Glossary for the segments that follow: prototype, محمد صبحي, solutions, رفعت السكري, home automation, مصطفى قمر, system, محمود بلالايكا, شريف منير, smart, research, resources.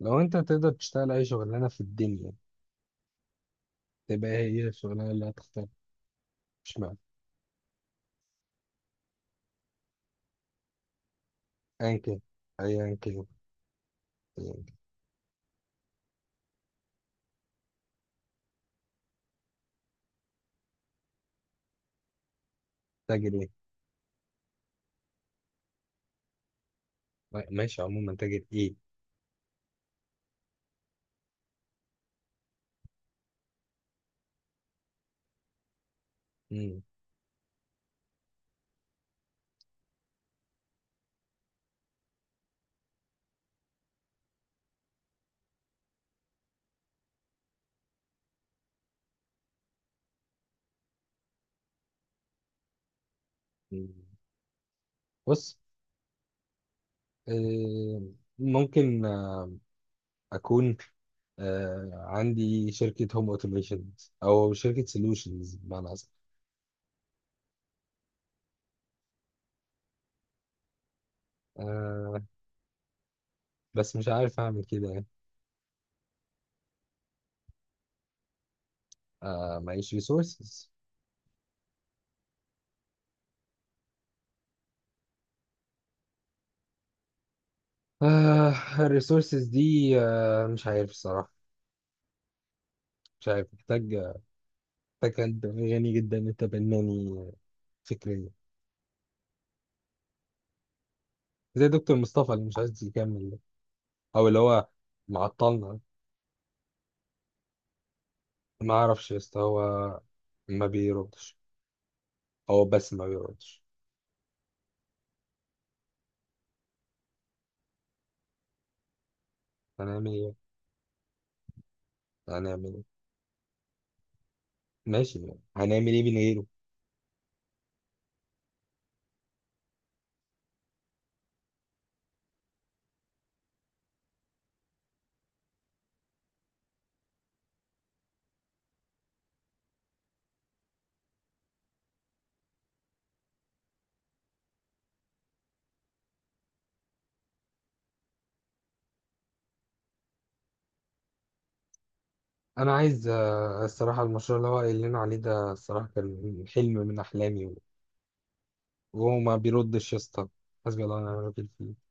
لو انت تقدر تشتغل اي شغلانه في الدنيا تبقى هي الشغلانه اللي هتختار. مش معنى. ايا كان ايا كان أياً كان. تاجر ايه؟ ماشي، عموما تاجر ايه؟ مم. مم. بص، آه، ممكن، اكون، عندي شركه هوم اوتوميشن، او شركه سولوشنز بمعنى اصح. آه، بس مش عارف اعمل كده يعني. معيش ريسورسز. آه الريسورسز دي. مش عارف الصراحه. مش عارف، محتاج. فكان غني جدا متبناني فكريا، زي دكتور مصطفى اللي مش عايز يكمل ده. او اللي هو معطلنا. ما اعرفش يا اسطى، هو ما بيردش. هو بس ما بيردش. هنعمل ايه؟ هنعمل ايه؟ ماشي يعني. هنعمل ايه من غيره؟ انا عايز، الصراحه، المشروع اللي هو قايل لنا عليه ده الصراحه كان حلم من احلامي. وهو ما بيردش يا اسطى، حسبي الله ونعم الوكيل فيه.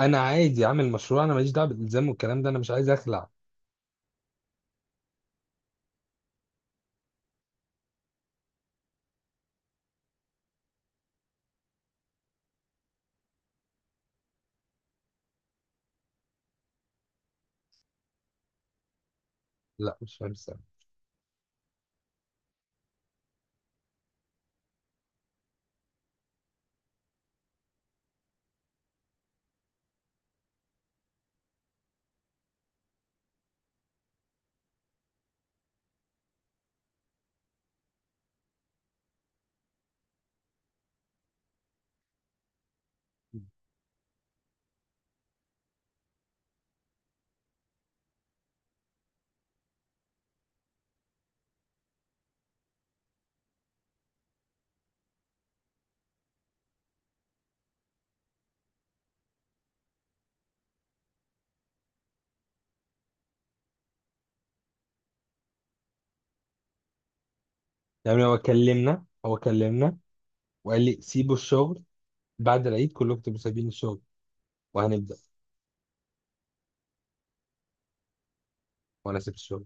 انا عادي اعمل مشروع، انا ماليش دعوه بالالزام والكلام ده، انا مش عايز اخلع. لا مش فاهم السبب. يعني هو كلمنا، هو كلمنا وقال لي سيبوا الشغل، بعد العيد كلكم تبقوا سايبين الشغل وهنبدأ، وانا سبت الشغل.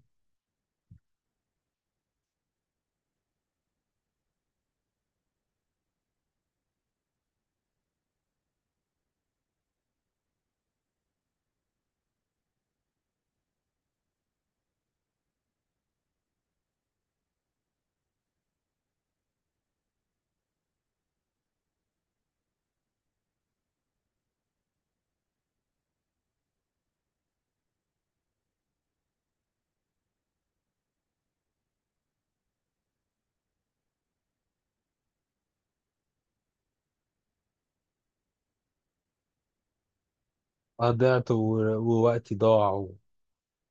ضيعت ووقتي ضاع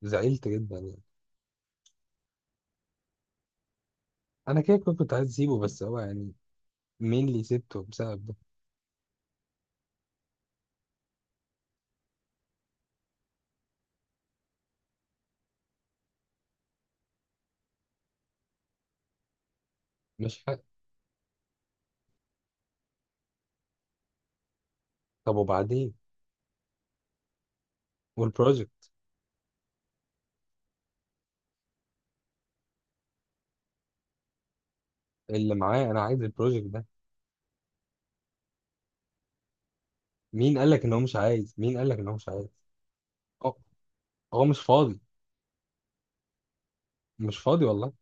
وزعلت جدا يعني. انا كده كنت عايز اسيبه، بس هو يعني مين اللي سبته بسبب ده؟ مش حق. طب وبعدين؟ والبروجكت؟ اللي معايا انا عايز البروجكت ده. مين قال لك ان هو مش عايز؟ مين قال لك ان هو مش عايز؟ هو هو مش فاضي. مش فاضي والله.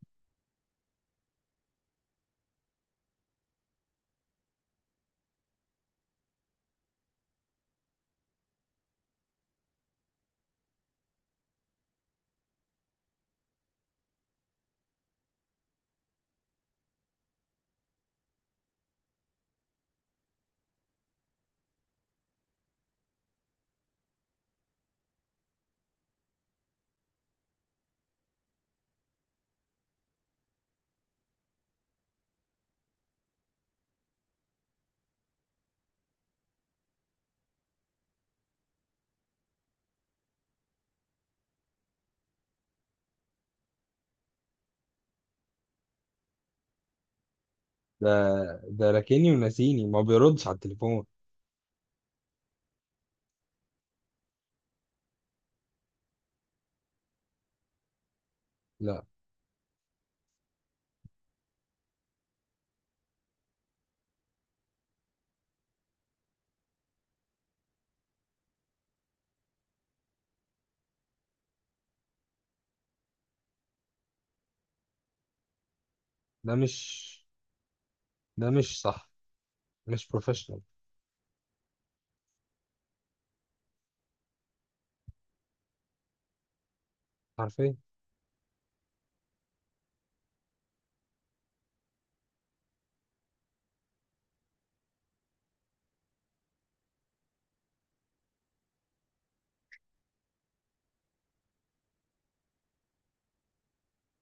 ده، ده راكني وناسيني، ما بيردش على التليفون. لا، ده مش ده مش صح. مش بروفيشنال. عارفين.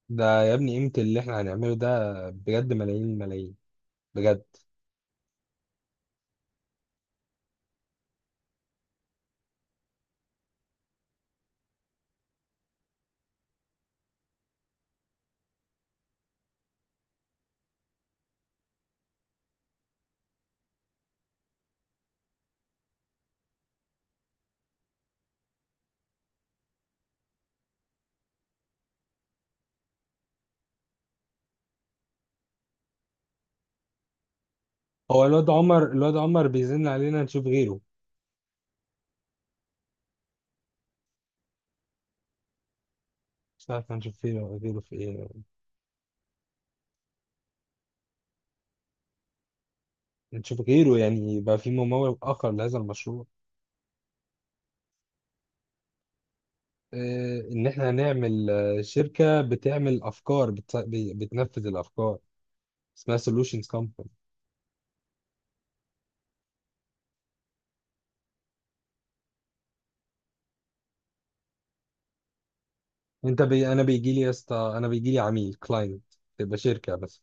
ده يا ابني قيمة اللي احنا هنعمله ده بجد ملايين الملايين، بجد. هو الواد عمر، الواد عمر بيزن علينا نشوف غيره. مش عارف، هنشوف غيره، غيره في ايه؟ نشوف غيره يعني يبقى في ممول اخر لهذا المشروع. اه، ان احنا هنعمل شركة بتعمل افكار، بتنفذ الافكار، اسمها solutions company. انا بيجي لي يا اسطى، انا بيجي لي عميل كلاينت، تبقى شركة بس.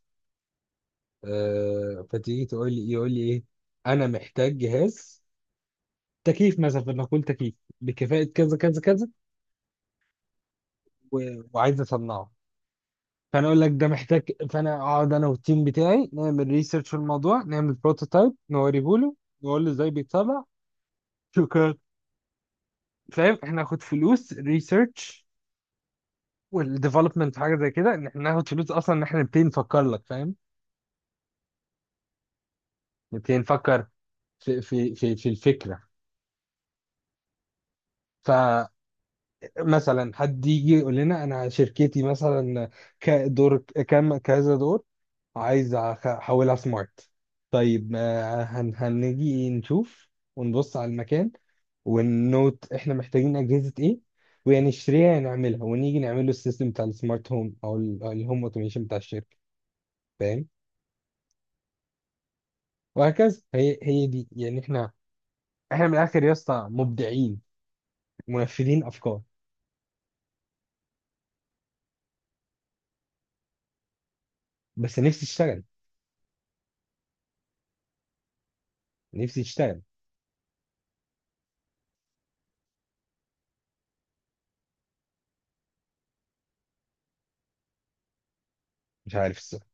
اه فتيجي تقول لي، يقول لي ايه؟ انا محتاج جهاز تكييف مثلا، فانا اقول تكييف بكفاءه كذا كذا كذا و... وعايز اصنعه. فانا اقول لك ده محتاج. فانا اقعد انا والتيم بتاعي نعمل ريسيرش في الموضوع، نعمل بروتوتايب نوريه له، نقول له ازاي بيتصنع، شكرا. فاهم؟ احنا ناخد فلوس ريسيرش والديفلوبمنت، حاجه زي كده، ان احنا ناخد فلوس اصلا ان احنا نبتدي نفكر لك. فاهم؟ نبتدي نفكر في الفكره. فمثلا حد يجي يقول لنا انا شركتي مثلا كدور كام كذا دور، عايز احولها سمارت. طيب هنيجي نشوف ونبص على المكان، ونوت احنا محتاجين اجهزة ايه وهنشتريها نعملها ونيجي نعمل له السيستم بتاع السمارت هوم أو الهوم اوتوميشن بتاع الشركة. فاهم؟ وهكذا. هي دي يعني، احنا من الاخر يا اسطى مبدعين، منفذين افكار. بس نفسي اشتغل. نفسي اشتغل. مش عارف الصراحة.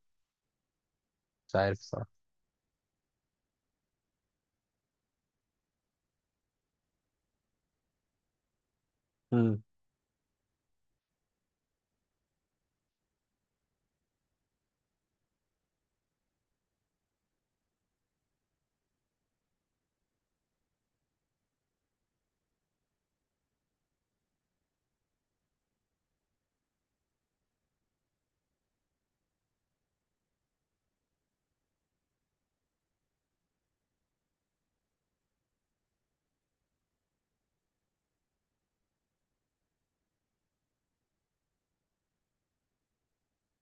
مش عارف الصراحة. امم.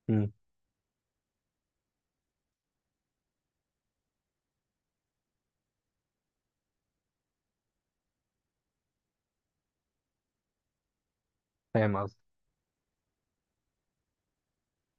امم. فاهم قصدي.